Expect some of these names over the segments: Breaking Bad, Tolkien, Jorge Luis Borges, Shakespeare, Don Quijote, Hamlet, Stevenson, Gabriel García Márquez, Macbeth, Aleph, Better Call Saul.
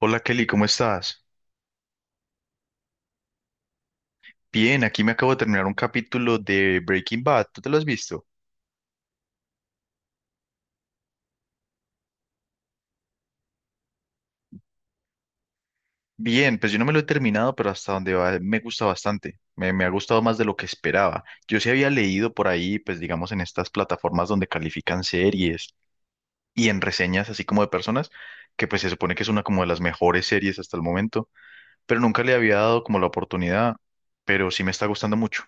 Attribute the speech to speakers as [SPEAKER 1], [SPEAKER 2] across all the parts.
[SPEAKER 1] Hola Kelly, ¿cómo estás? Bien, aquí me acabo de terminar un capítulo de Breaking Bad. ¿Tú te lo has visto? Bien, pues yo no me lo he terminado, pero hasta donde va me gusta bastante. Me ha gustado más de lo que esperaba. Yo sí había leído por ahí, pues digamos en estas plataformas donde califican series y en reseñas así como de personas, que pues se supone que es una como de las mejores series hasta el momento, pero nunca le había dado como la oportunidad, pero sí me está gustando mucho.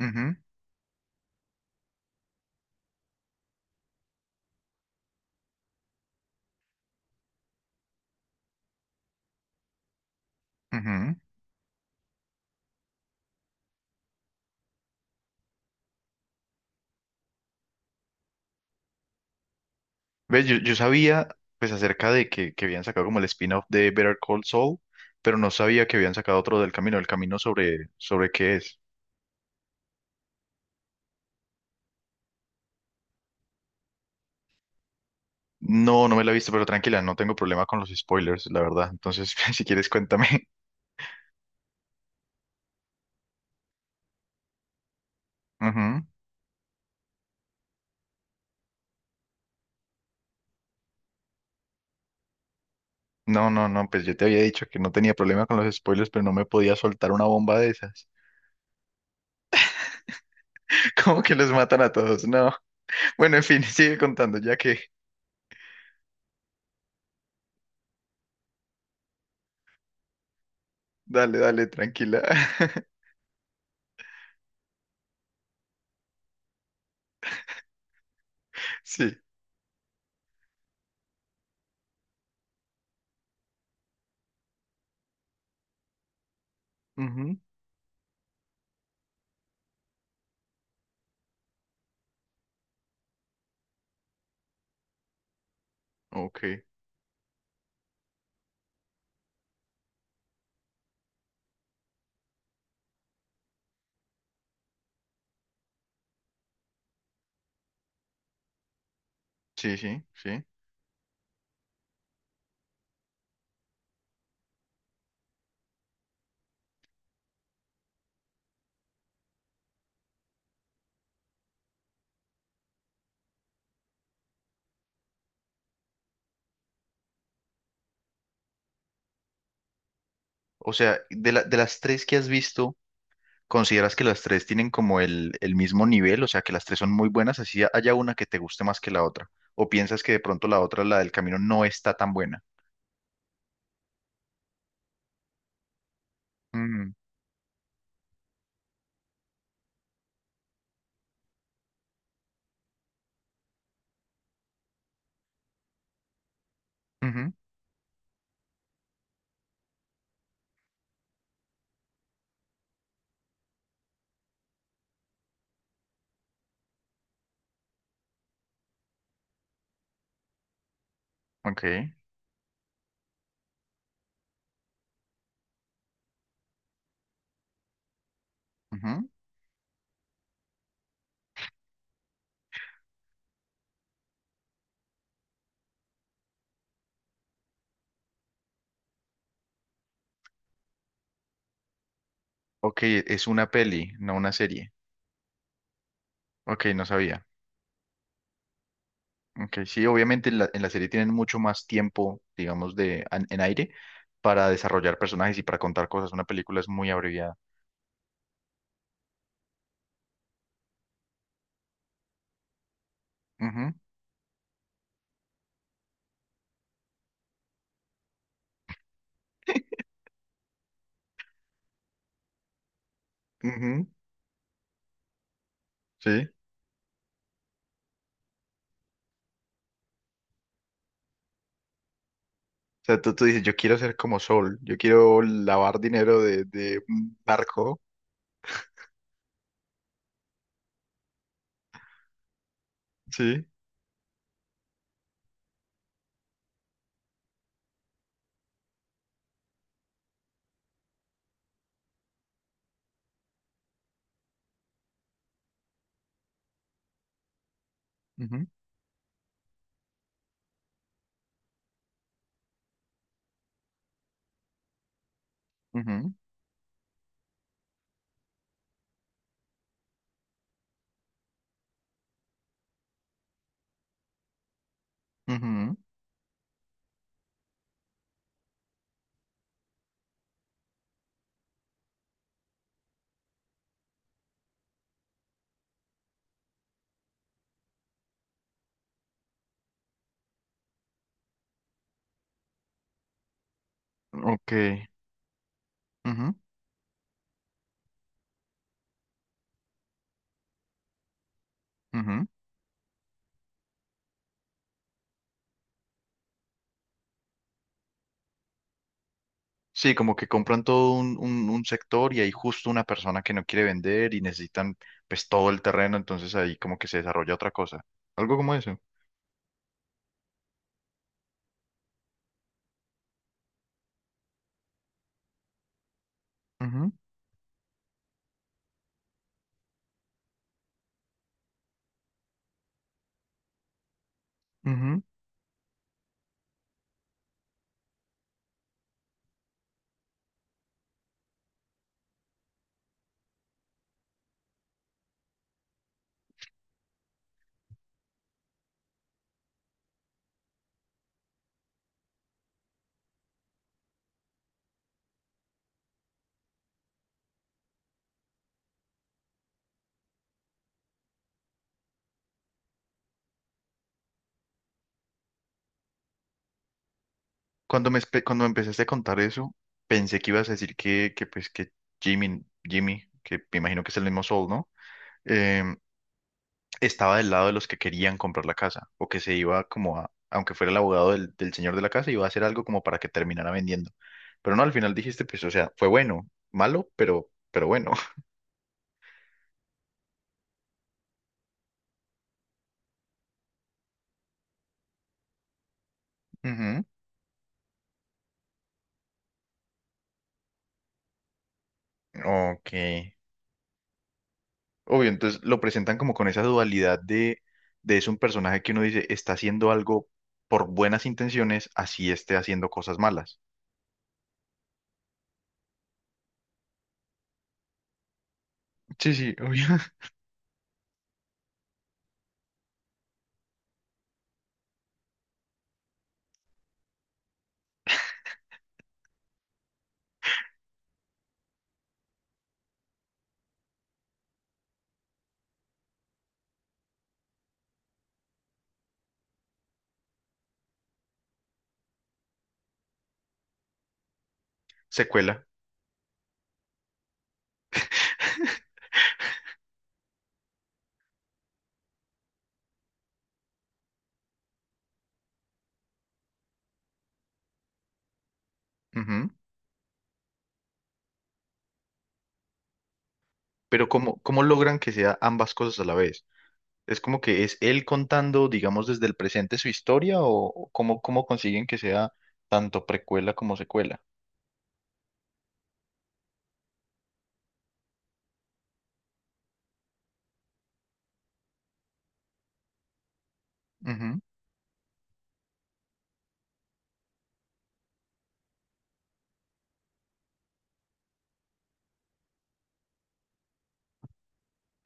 [SPEAKER 1] Ujú, ujú. Ves Yo sabía pues acerca de que habían sacado como el spin-off de Better Call Saul, pero no sabía que habían sacado otro del camino. ¿El camino sobre qué es? No, no me la he visto, pero tranquila, no tengo problema con los spoilers, la verdad. Entonces, si quieres, cuéntame. Ujú. No, no, no, pues yo te había dicho que no tenía problema con los spoilers, pero no me podía soltar una bomba de esas. ¿Cómo que los matan a todos? No. Bueno, en fin, sigue contando, ya que... Dale, dale, tranquila. Sí. Ujú. Ok. Sí, sí, sí. O sea, de las tres que has visto, ¿consideras que las tres tienen como el mismo nivel? O sea, que las tres son muy buenas, así haya una que te guste más que la otra. ¿O piensas que de pronto la otra, la del camino, no está tan buena? Mm, ujú, ok, ujú. Ok, es una peli, no una serie. Ok, no sabía. Ok, sí, obviamente en la serie tienen mucho más tiempo, digamos, aire para desarrollar personajes y para contar cosas. Una película es muy abreviada. Ujú, ujú, sí. O sea, tú dices, yo quiero ser como Sol, yo quiero lavar dinero de un barco, sí. Ujú, ujú, ujú. Ok. Ujú, ujú. Sí, como que compran todo un, un sector y hay justo una persona que no quiere vender y necesitan pues todo el terreno, entonces ahí como que se desarrolla otra cosa. Algo como eso. Ujú, ujú. Cuando me empezaste a contar eso, pensé que ibas a decir que pues que Jimmy, que me imagino que es el mismo Sol, ¿no? Em, estaba del lado de los que querían comprar la casa o que se iba como a, aunque fuera el abogado del señor de la casa, iba a hacer algo como para que terminara vendiendo. Pero no, al final dijiste, pues, o sea, fue bueno, malo, pero bueno. Ujú. Ok. Obvio, entonces lo presentan como con esa dualidad de es un personaje que uno dice está haciendo algo por buenas intenciones, así esté haciendo cosas malas. Sí, sí, obvio. Secuela. Ujú. Pero ¿cómo logran que sea ambas cosas a la vez? Es como que es él contando, digamos, desde el presente su historia o cómo, cómo consiguen que sea tanto precuela como secuela. Ujú,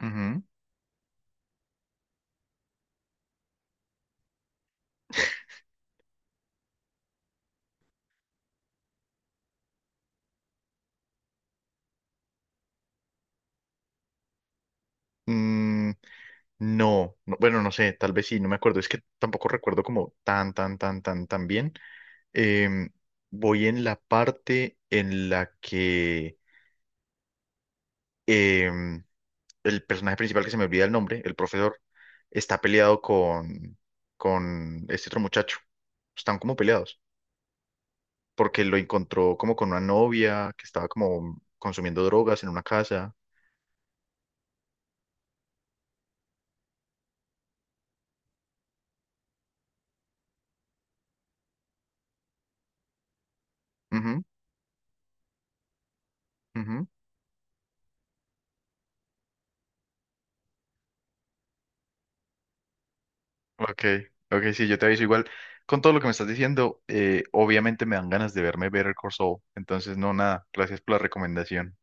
[SPEAKER 1] ujú. Mm, no, no, bueno, no sé, tal vez sí, no me acuerdo. Es que tampoco recuerdo como tan, tan, tan, tan, tan bien. Em, voy en la parte en la que em, el personaje principal, que se me olvida el nombre, el profesor, está peleado con este otro muchacho. Están como peleados porque lo encontró como con una novia que estaba como consumiendo drogas en una casa. Ujú, ujú. Ok, ok, sí, yo te aviso igual. Con todo lo que me estás diciendo, obviamente me dan ganas de verme Better Call Saul. Entonces, no, nada, gracias por la recomendación.